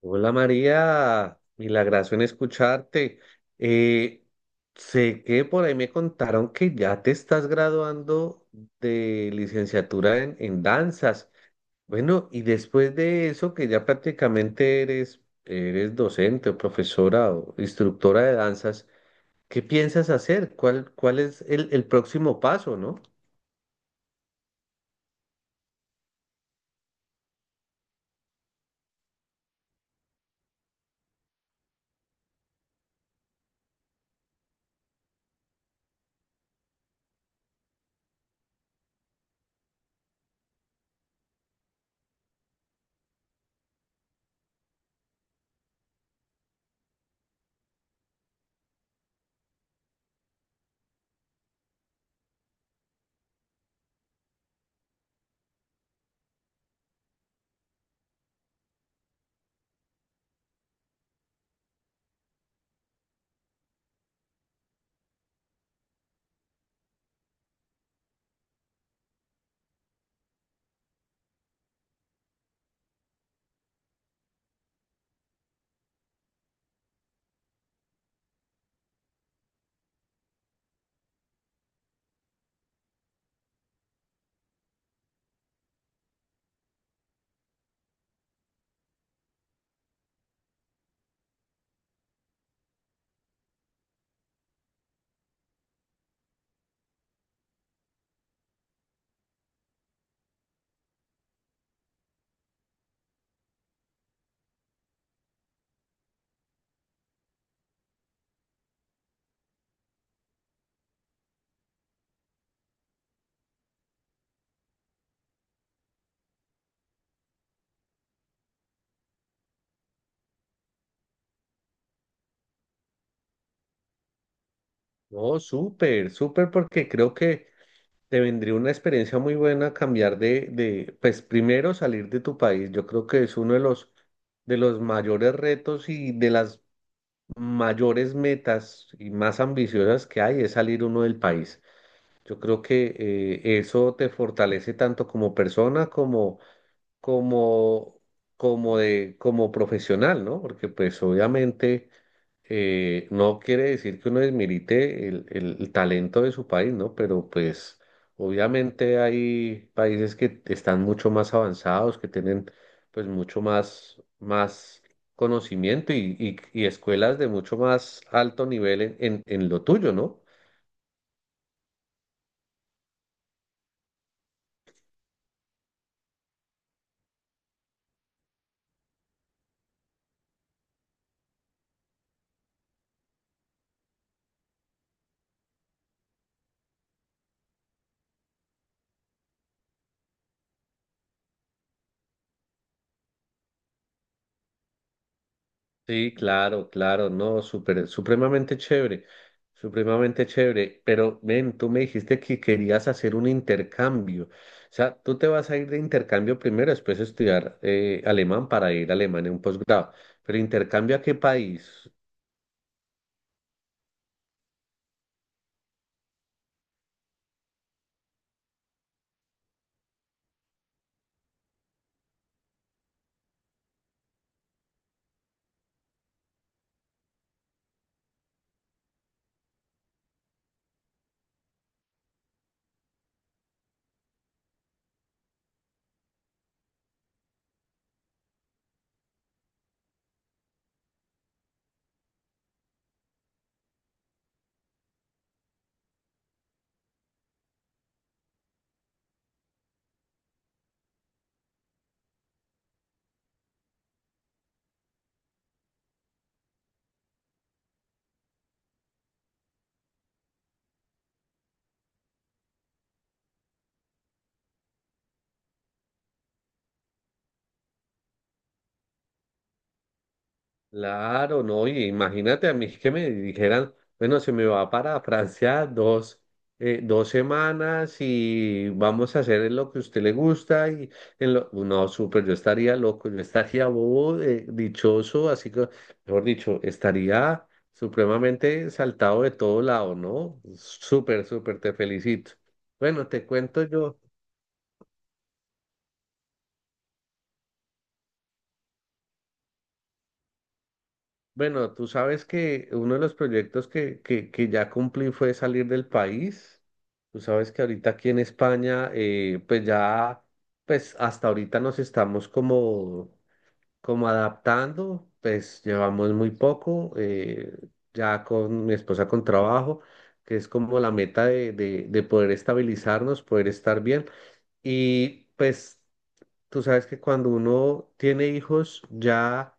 Hola María, milagrazo en escucharte. Eh, sé que por ahí me contaron que ya te estás graduando de licenciatura en danzas. Bueno, y después de eso, que ya prácticamente eres docente o profesora o instructora de danzas, ¿qué piensas hacer? ¿Cuál es el próximo paso, no? Oh, súper, súper, porque creo que te vendría una experiencia muy buena cambiar de, pues primero salir de tu país. Yo creo que es uno de de los mayores retos y de las mayores metas y más ambiciosas que hay es salir uno del país. Yo creo que eso te fortalece tanto como persona como, como profesional, ¿no? Porque pues obviamente, no quiere decir que uno desmerite el talento de su país, ¿no? Pero pues obviamente hay países que están mucho más avanzados, que tienen pues mucho más conocimiento y escuelas de mucho más alto nivel en lo tuyo, ¿no? Sí, claro, claro, no, súper, supremamente chévere, supremamente chévere. Pero ven, tú me dijiste que querías hacer un intercambio. O sea, tú te vas a ir de intercambio primero, después estudiar alemán para ir a Alemania en un posgrado. Pero intercambio, ¿a qué país? Claro, no, y imagínate a mí que me dijeran, bueno, se me va para Francia dos semanas y vamos a hacer lo que a usted le gusta y en lo, no, súper, yo estaría loco, yo estaría bobo, dichoso, así que, mejor dicho, estaría supremamente saltado de todo lado, ¿no? Súper, súper, te felicito. Bueno, te cuento yo. Bueno, tú sabes que uno de los proyectos que ya cumplí fue salir del país. Tú sabes que ahorita aquí en España, pues ya, pues hasta ahorita nos estamos como adaptando, pues llevamos muy poco, ya con mi esposa con trabajo, que es como la meta de poder estabilizarnos, poder estar bien. Y pues tú sabes que cuando uno tiene hijos, ya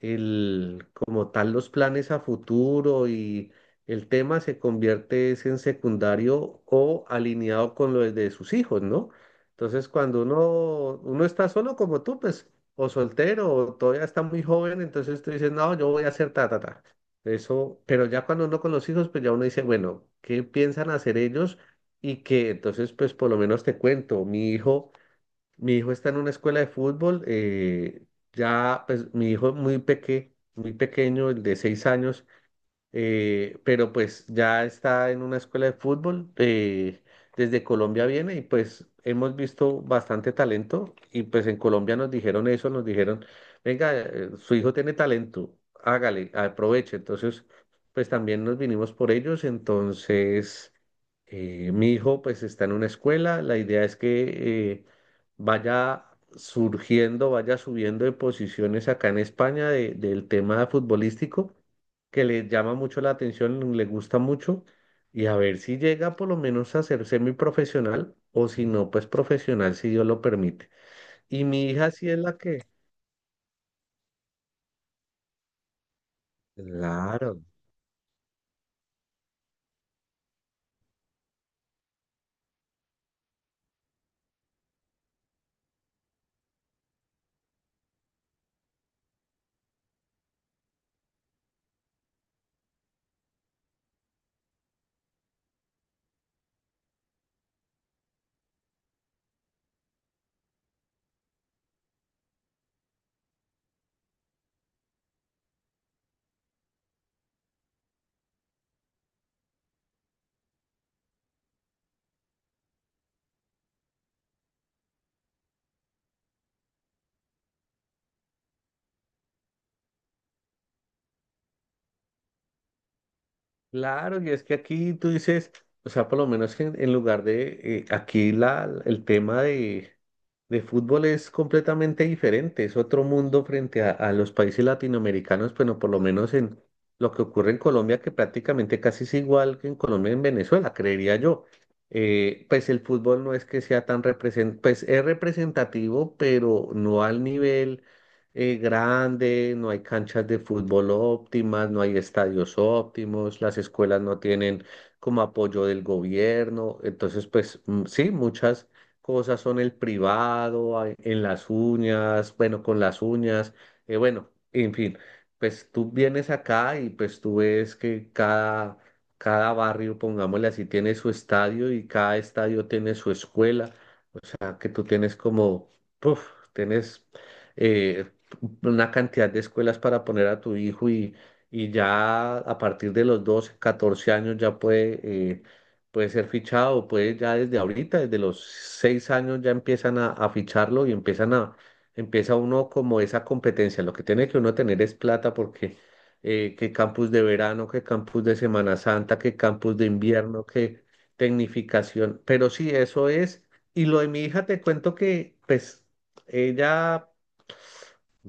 el, como tal los planes a futuro y el tema se convierte es en secundario o alineado con lo de sus hijos, ¿no? Entonces, cuando uno está solo como tú, pues, o soltero, o todavía está muy joven, entonces tú dices, no, yo voy a hacer ta, ta, ta. Eso, pero ya cuando uno con los hijos, pues ya uno dice, bueno, ¿qué piensan hacer ellos? Y que entonces, pues por lo menos te cuento, mi hijo está en una escuela de fútbol. Ya, pues mi hijo es muy pequeño, el de 6 años, pero pues ya está en una escuela de fútbol. Desde Colombia viene y pues hemos visto bastante talento y pues en Colombia nos dijeron eso, nos dijeron, venga, su hijo tiene talento, hágale, aproveche. Entonces, pues también nos vinimos por ellos, entonces... Mi hijo pues está en una escuela, la idea es que vaya surgiendo, vaya subiendo de posiciones acá en España del tema futbolístico que le llama mucho la atención, le gusta mucho, y a ver si llega por lo menos a ser semiprofesional, o si no, pues profesional, si Dios lo permite. Y mi hija sí es la que, claro. Claro, y es que aquí tú dices, o sea, por lo menos que en lugar de, aquí la, el tema de fútbol es completamente diferente, es otro mundo frente a los países latinoamericanos, bueno, por lo menos en lo que ocurre en Colombia, que prácticamente casi es igual que en Colombia y en Venezuela, creería yo. Pues el fútbol no es que sea tan represent, pues es representativo, pero no al nivel grande, no hay canchas de fútbol óptimas, no hay estadios óptimos, las escuelas no tienen como apoyo del gobierno. Entonces, pues sí, muchas cosas son el privado, a- en las uñas, bueno, con las uñas, bueno, en fin, pues tú vienes acá y pues tú ves que cada... Cada barrio, pongámosle así, tiene su estadio y cada estadio tiene su escuela, sea, que tú tienes como, puf, tienes eh, una cantidad de escuelas para poner a tu hijo, y ya a partir de los 12 14 años ya puede, eh, puede ser fichado, puede ya desde ahorita, desde los 6 años ya empiezan a ficharlo y empiezan a, empieza uno como esa competencia. Lo que tiene que uno tener es plata porque... Que campus de verano, que campus de Semana Santa, que campus de invierno, que tecnificación. Pero sí, eso es. Y lo de mi hija te cuento que, pues, ella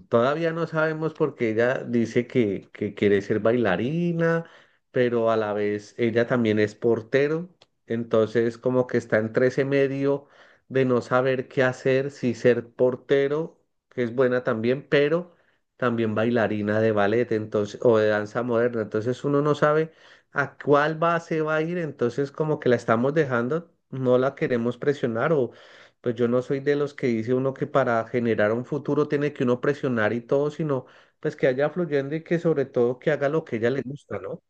todavía no sabemos porque ella dice que quiere ser bailarina, pero a la vez ella también es portero, entonces como que está entre ese medio de no saber qué hacer, si ser portero, que es buena también, pero también bailarina de ballet, entonces, o de danza moderna, entonces uno no sabe a cuál base va a ir, entonces como que la estamos dejando, no la queremos presionar, o pues yo no soy de los que dice uno que para generar un futuro tiene que uno presionar y todo, sino pues que haya fluyendo y que sobre todo que haga lo que ella le gusta, ¿no?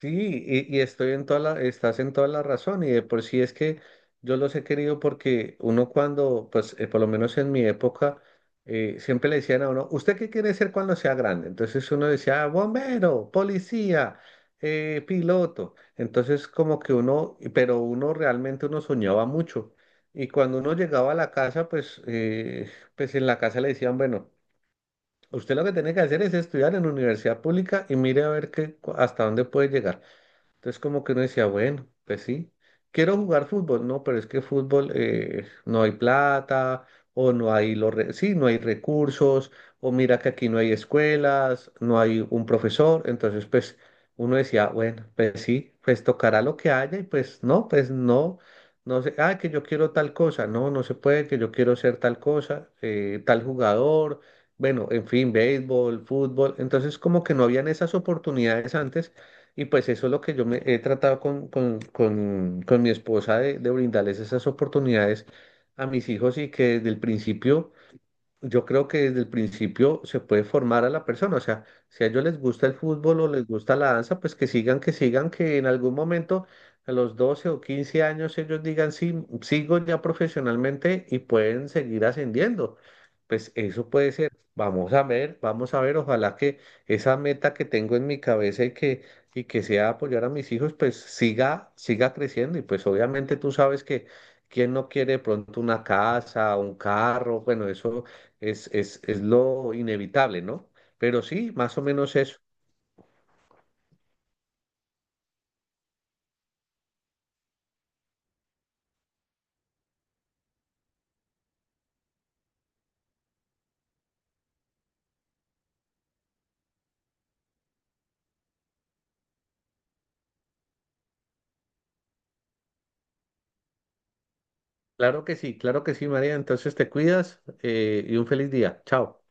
Sí, y estoy en toda la, estás en toda la razón y de por sí es que yo los he querido porque uno cuando, pues por lo menos en mi época, siempre le decían a uno, ¿usted qué quiere ser cuando sea grande? Entonces uno decía, "Ah, bombero, policía, piloto". Entonces como que uno, pero uno realmente uno soñaba mucho. Y cuando uno llegaba a la casa, pues, pues en la casa le decían, bueno, usted lo que tiene que hacer es estudiar en universidad pública y mire a ver qué, hasta dónde puede llegar. Entonces como que uno decía, bueno, pues sí, quiero jugar fútbol, no, pero es que fútbol no hay plata o no hay los re- sí, no hay recursos o mira que aquí no hay escuelas, no hay un profesor, entonces pues uno decía, bueno, pues sí, pues tocará lo que haya y pues no, no sé, ah, que yo quiero tal cosa, no, no se puede, que yo quiero ser tal cosa, tal jugador, bueno, en fin, béisbol, fútbol, entonces como que no habían esas oportunidades antes y pues eso es lo que yo me he tratado con mi esposa de brindarles esas oportunidades a mis hijos y que desde el principio, yo creo que desde el principio se puede formar a la persona, o sea, si a ellos les gusta el fútbol o les gusta la danza, pues que sigan, que sigan, que en algún momento a los 12 o 15 años ellos digan, sí, sigo ya profesionalmente y pueden seguir ascendiendo. Pues eso puede ser. Vamos a ver, ojalá que esa meta que tengo en mi cabeza y que sea apoyar a mis hijos, pues siga, siga creciendo y pues obviamente tú sabes que... ¿Quién no quiere de pronto una casa, un carro? Bueno, eso es lo inevitable, ¿no? Pero sí, más o menos eso. Claro que sí, María. Entonces te cuidas, y un feliz día. Chao.